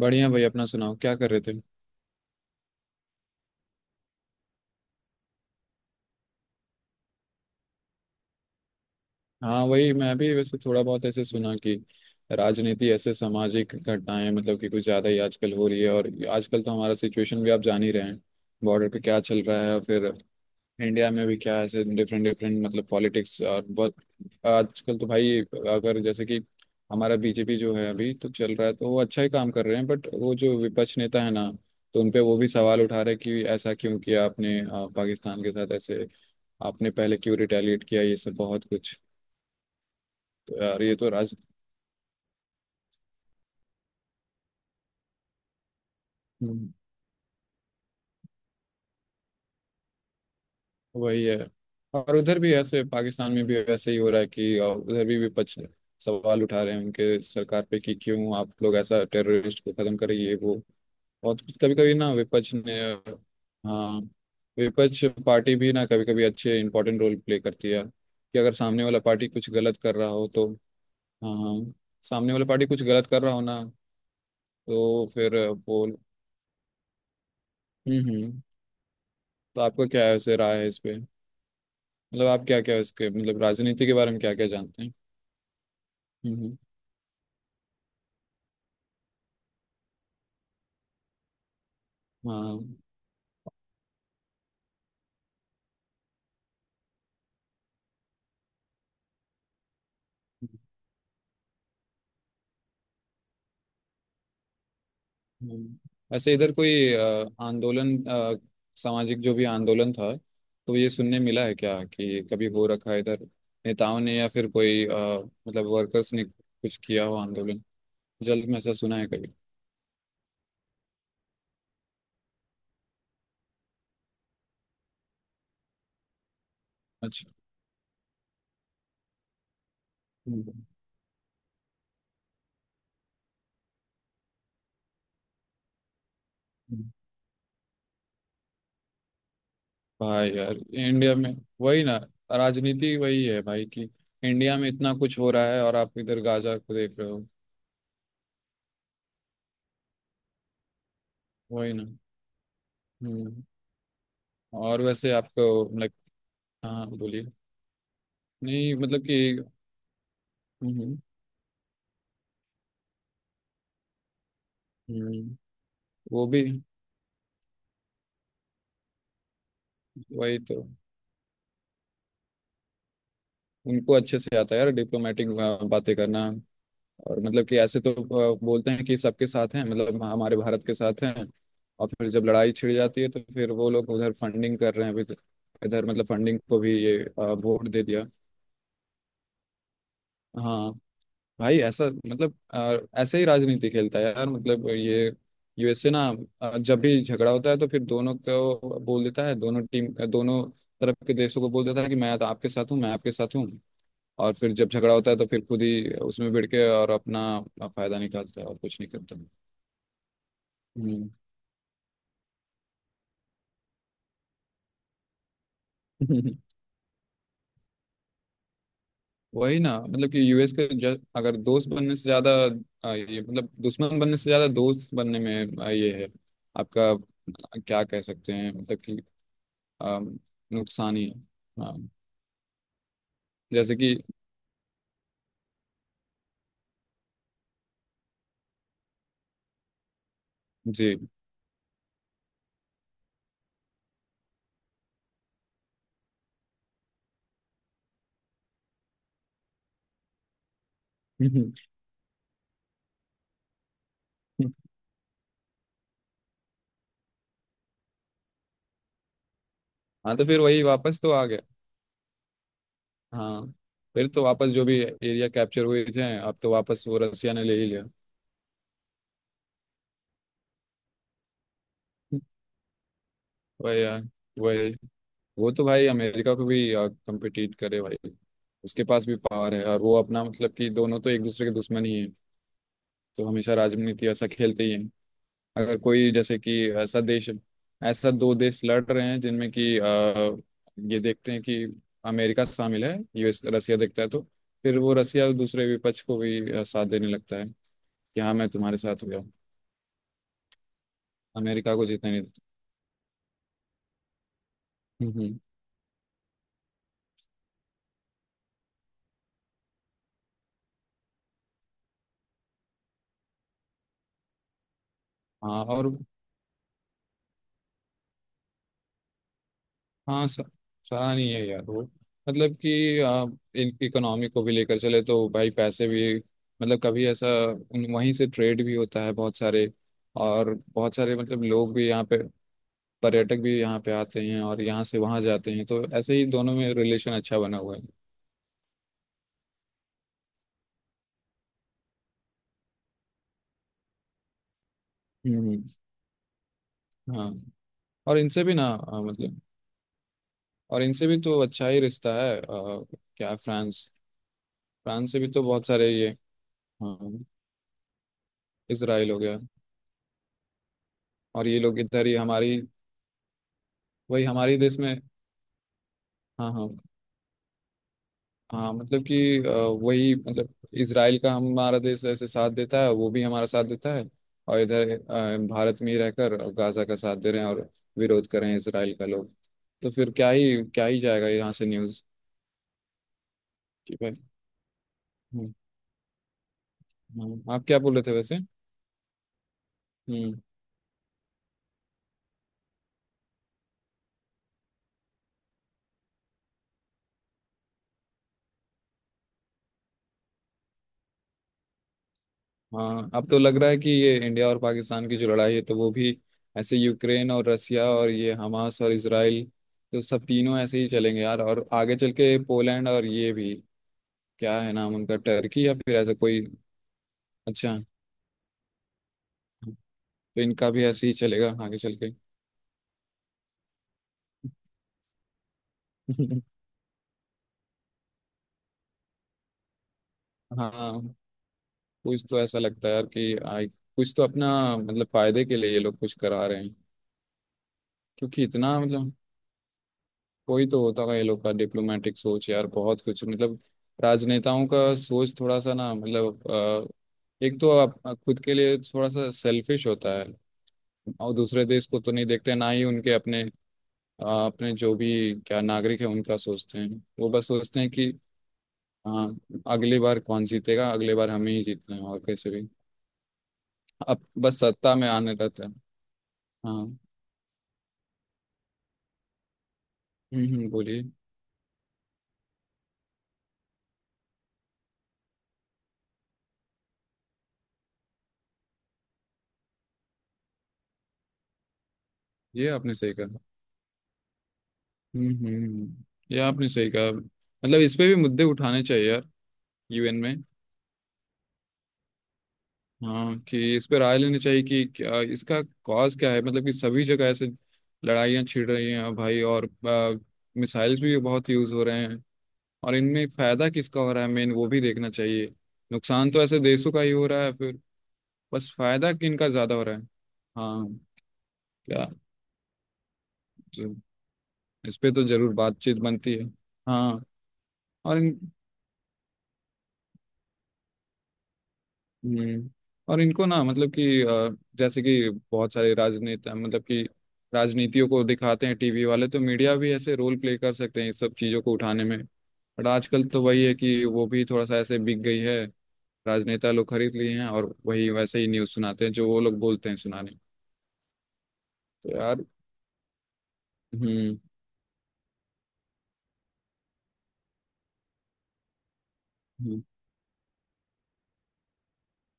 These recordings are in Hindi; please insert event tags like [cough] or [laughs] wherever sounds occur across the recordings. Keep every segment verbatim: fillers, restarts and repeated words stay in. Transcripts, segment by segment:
बढ़िया भाई। अपना सुनाओ, क्या कर रहे थे? हाँ, वही मैं भी वैसे थोड़ा बहुत ऐसे सुना कि राजनीति, ऐसे सामाजिक घटनाएं, मतलब कि कुछ ज़्यादा ही आजकल हो रही है। और आजकल तो हमारा सिचुएशन भी आप जान ही रहे हैं, बॉर्डर पे क्या चल रहा है। और फिर इंडिया में भी क्या ऐसे डिफरेंट डिफरेंट मतलब पॉलिटिक्स, और बहुत आजकल तो भाई, अगर जैसे कि हमारा बीजेपी जो है अभी तो चल रहा है, तो वो अच्छा ही काम कर रहे हैं। बट वो जो विपक्ष नेता है ना, तो उनपे वो भी सवाल उठा रहे हैं कि ऐसा क्यों किया आपने अ, पाकिस्तान के साथ ऐसे, आपने पहले क्यों रिटेलिएट किया, ये सब बहुत कुछ। तो यार ये तो राज, हम्म, वही है। और उधर भी ऐसे पाकिस्तान में भी ऐसे ही हो रहा है कि अ, उधर भी विपक्ष सवाल उठा रहे हैं उनके सरकार पे कि क्यों आप लोग ऐसा टेररिस्ट को खत्म करें, ये वो। और कभी कभी ना विपक्ष ने अ, हाँ विपक्ष पार्टी भी ना कभी कभी अच्छे इंपॉर्टेंट रोल प्ले करती है कि अगर सामने वाला पार्टी कुछ गलत कर रहा हो तो। हाँ हाँ, सामने वाला पार्टी कुछ गलत कर रहा हो ना, तो फिर अ, वो। हम्म हम्म। तो आपको क्या है उसे राय है इस पे, मतलब आप क्या क्या इसके मतलब राजनीति के बारे में क्या क्या जानते हैं? हम्म हम्म, हाँ। हम्म। वैसे इधर कोई अ, आंदोलन, अ, सामाजिक जो भी आंदोलन था, तो ये सुनने मिला है क्या कि कभी हो रखा है इधर नेताओं ने या फिर कोई अ, मतलब वर्कर्स ने कुछ किया हो आंदोलन? जल्द में ऐसा सुना है कभी? अच्छा। हम्म, हम्म। भाई यार इंडिया में वही ना, राजनीति वही है भाई कि इंडिया में इतना कुछ हो रहा है और आप इधर गाजा को देख रहे हो। वही ना। हम्म। और वैसे आपको लाइक, हाँ बोलिए। नहीं मतलब कि, हम्म हम्म, वो भी। वही तो। उनको अच्छे से आता है यार डिप्लोमेटिक बातें करना। और मतलब कि ऐसे तो अ, बोलते हैं कि सबके साथ हैं, मतलब हमारे भारत के साथ हैं। और फिर जब लड़ाई छिड़ जाती है तो फिर वो लोग उधर फंडिंग कर रहे हैं अभी तो। इधर मतलब फंडिंग को भी ये वोट दे दिया। हाँ, भाई ऐसा मतलब अ, ऐसे ही राजनीति खेलता है यार, मतलब ये यूएसए ना, अ, जब भी झगड़ा होता है तो फिर दोनों को बोल देता है, दोनों टीम, दोनों तरफ के देशों को बोल देता है कि मैं तो आपके साथ हूँ, मैं आपके साथ हूँ। और फिर जब झगड़ा होता है तो फिर खुद ही उसमें भिड़ के और अपना फायदा निकालता है और कुछ नहीं करता। हम्म। [laughs] वही ना, मतलब कि यूएस के ज, अगर दोस्त बनने से ज्यादा, अ, ये मतलब दुश्मन बनने से ज्यादा दोस्त बनने में अ, ये है आपका, क्या कह सकते हैं मतलब, अम, नुकसान ही है। हाँ। जैसे कि, जी। [laughs] हाँ तो फिर वही वापस तो आ गया। हाँ, फिर तो वापस जो भी एरिया कैप्चर हुए थे अब तो वापस वो रसिया ने ले ही लिया। वही यार, वही। वो तो भाई अमेरिका को भी कम्पिटिट करे भाई, उसके पास भी पावर है, और वो अपना मतलब कि दोनों तो एक दूसरे के दुश्मन ही है। तो हमेशा राजनीति ऐसा खेलते ही है। अगर कोई जैसे कि ऐसा देश, ऐसा दो देश लड़ रहे हैं जिनमें कि अ, ये देखते हैं कि अमेरिका शामिल है, यूएस रसिया देखता है, तो फिर वो रसिया दूसरे विपक्ष को भी अ, साथ देने लगता है कि हाँ मैं तुम्हारे साथ हो गया हूँ। यार अमेरिका को जीतने नहीं देता। हम्म हम्म। हाँ और, हाँ स- सराहनीय है यार वो, मतलब कि अ, इन इकोनॉमी को भी लेकर चले तो भाई पैसे भी मतलब कभी ऐसा उन- वहीं से ट्रेड भी होता है बहुत सारे, और बहुत सारे मतलब लोग भी यहाँ पे, पर्यटक भी यहाँ पे आते हैं और यहाँ से वहाँ जाते हैं, तो ऐसे ही दोनों में रिलेशन अच्छा बना हुआ है। हम्म। हाँ। और इनसे भी ना अ, मतलब, और इनसे भी तो अच्छा ही रिश्ता है अ, क्या फ्रांस, फ्रांस से भी तो बहुत सारे ये। हाँ, इसराइल हो गया। और ये लोग इधर ही हमारी, वही हमारे देश में। हाँ हाँ। हाँ मतलब कि अ, वही मतलब, इसराइल का हमारा देश ऐसे साथ देता है, वो भी हमारा साथ देता है। और इधर अ, भारत में ही रहकर गाजा का साथ दे रहे हैं और विरोध कर रहे हैं इसराइल का लोग। तो फिर क्या ही, क्या ही जाएगा यहाँ से न्यूज़ कि भाई। हम्म, हाँ, आप क्या बोल रहे थे वैसे? हम्म, हाँ। अब तो लग रहा है कि ये इंडिया और पाकिस्तान की जो लड़ाई है, तो वो भी ऐसे यूक्रेन और रसिया और ये हमास और इसराइल, तो सब तीनों ऐसे ही चलेंगे यार। और आगे चल के पोलैंड और ये भी, क्या है नाम उनका, टर्की या फिर ऐसा कोई। अच्छा, तो इनका भी ऐसे ही चलेगा आगे चल के। [laughs] हाँ, कुछ तो ऐसा लगता है यार कि आई, कुछ तो अपना मतलब फायदे के लिए ये लोग कुछ करा रहे हैं। क्योंकि इतना मतलब कोई तो होता होगा ये लोग का डिप्लोमेटिक सोच यार, बहुत कुछ मतलब राजनेताओं का सोच थोड़ा सा ना मतलब अ, एक तो आप खुद के लिए थोड़ा सा सेल्फिश होता है और दूसरे देश को तो नहीं देखते, ना ही उनके अपने अ, अपने जो भी, क्या नागरिक है उनका सोचते हैं। वो बस सोचते हैं कि हाँ अगली बार कौन जीतेगा, अगली बार हमें ही जीतना है और कैसे भी, अब बस सत्ता में आने रहता है। हाँ। हम्म हम्म, बोलिए। ये आपने सही कहा। हम्म हम्म हम्म। ये आपने सही कहा, मतलब इस पे भी मुद्दे उठाने चाहिए यार, यूएन में। हाँ कि इस पे राय लेनी चाहिए कि क्या इसका कॉज क्या है, मतलब कि सभी जगह ऐसे लड़ाइयाँ छिड़ रही हैं भाई, और मिसाइल्स भी बहुत यूज हो रहे हैं और इनमें फायदा किसका हो रहा है मेन, वो भी देखना चाहिए। नुकसान तो ऐसे देशों का ही हो रहा है फिर, बस फायदा कि इनका ज्यादा हो रहा है। हाँ। क्या, जो- इस पे तो जरूर बातचीत बनती है। हाँ, और इन, हम्म, और इनको ना मतलब कि अ, जैसे कि बहुत सारे राजनेता मतलब कि राजनीतियों को दिखाते हैं टीवी वाले, तो मीडिया भी ऐसे रोल प्ले कर सकते हैं इस सब चीज़ों को उठाने में। बट आजकल तो वही है कि वो भी थोड़ा सा ऐसे बिक गई है, राजनेता लोग खरीद लिए हैं और वही वैसे ही न्यूज़ सुनाते हैं जो वो लोग बोलते हैं सुनाने। तो यार, हम्म हम्म।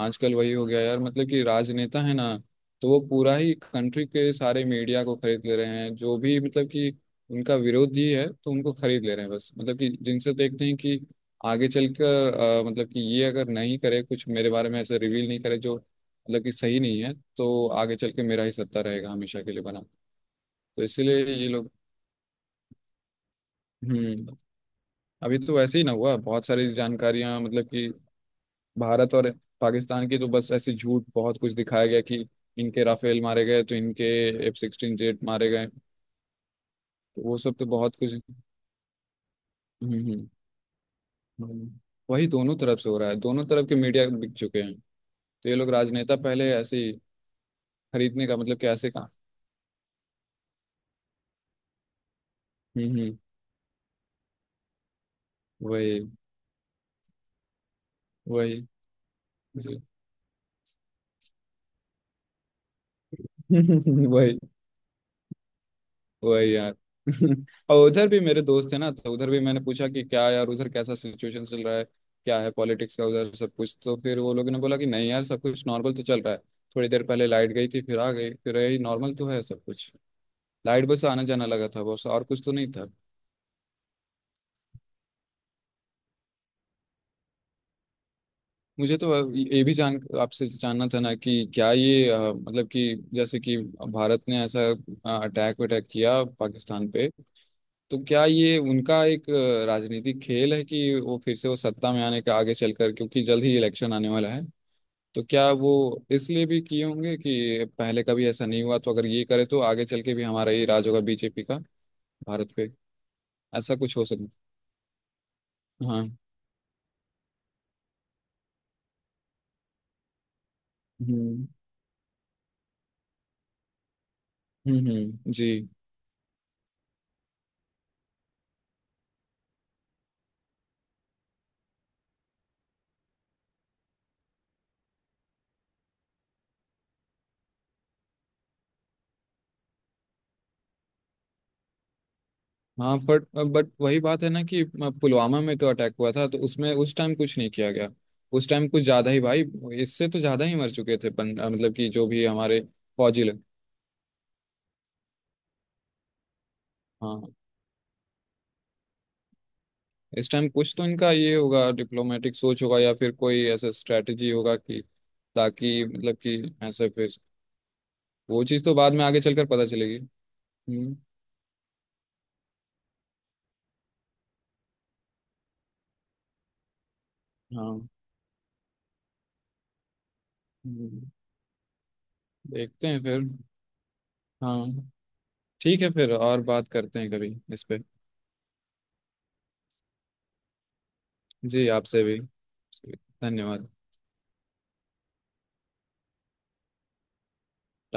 आजकल वही हो गया यार मतलब कि राजनेता है ना, तो वो पूरा ही कंट्री के सारे मीडिया को खरीद ले रहे हैं। जो भी मतलब कि उनका विरोधी है तो उनको खरीद ले रहे हैं, बस मतलब कि जिनसे देखते हैं कि आगे चलकर अ, मतलब कि ये अगर नहीं करे कुछ मेरे बारे में ऐसे रिवील नहीं करे जो मतलब कि सही नहीं है, तो आगे चल के मेरा ही सत्ता रहेगा हमेशा के लिए बना। तो इसीलिए ये लोग, हम्म, अभी तो वैसे ही ना हुआ, बहुत सारी जानकारियां मतलब कि भारत और पाकिस्तान की, तो बस ऐसी झूठ बहुत कुछ दिखाया गया कि इनके राफेल मारे गए, तो इनके एफ सिक्सटीन जेट मारे गए, तो वो सब तो बहुत कुछ। हम्म हम्म हम्म। वही दोनों तरफ से हो रहा है, दोनों तरफ के मीडिया बिक चुके हैं। तो ये लोग राजनेता पहले ऐसे ही खरीदने का मतलब कैसे कहा। हम्म हम्म। वही, वही। [laughs] वही, वही यार। [laughs] और उधर भी मेरे दोस्त है ना, तो उधर भी मैंने पूछा कि क्या यार उधर कैसा सिचुएशन चल रहा है, क्या है पॉलिटिक्स का उधर सब कुछ। तो फिर वो लोगों ने बोला कि नहीं यार सब कुछ नॉर्मल तो चल रहा है, थोड़ी देर पहले लाइट गई थी फिर आ गई, फिर यही नॉर्मल तो है सब कुछ। लाइट बस आना जाना लगा था बस, और कुछ तो नहीं था। मुझे तो ये भी जान आपसे जानना था ना कि क्या ये अ, मतलब कि जैसे कि भारत ने ऐसा अटैक वटैक किया पाकिस्तान पे, तो क्या ये उनका एक अ, राजनीतिक खेल है कि वो फिर से वो सत्ता में आने का आगे चलकर, क्योंकि जल्द ही इलेक्शन आने वाला है, तो क्या वो इसलिए भी किए होंगे कि पहले कभी ऐसा नहीं हुआ, तो अगर ये करे तो आगे चल के भी हमारा ही राज होगा बीजेपी का, भारत पे? ऐसा कुछ हो सकता? हाँ। हम्म हम्म हम्म, जी। हाँ बट बट वही बात है ना कि पुलवामा में तो अटैक हुआ था, तो उसमें उस टाइम कुछ नहीं किया गया, उस टाइम कुछ ज्यादा ही भाई इससे तो ज्यादा ही मर चुके थे पन, मतलब कि जो भी हमारे फौजी लोग। हाँ, इस टाइम कुछ तो इनका ये होगा डिप्लोमेटिक सोच होगा या फिर कोई ऐसा स्ट्रेटजी होगा कि ताकि मतलब कि ऐसे फिर, वो चीज़ तो बाद में आगे चलकर पता चलेगी। हम्म, हाँ, हम्म, देखते हैं फिर। हाँ, ठीक है फिर, और बात करते हैं कभी इस पे। जी, आपसे भी, धन्यवाद।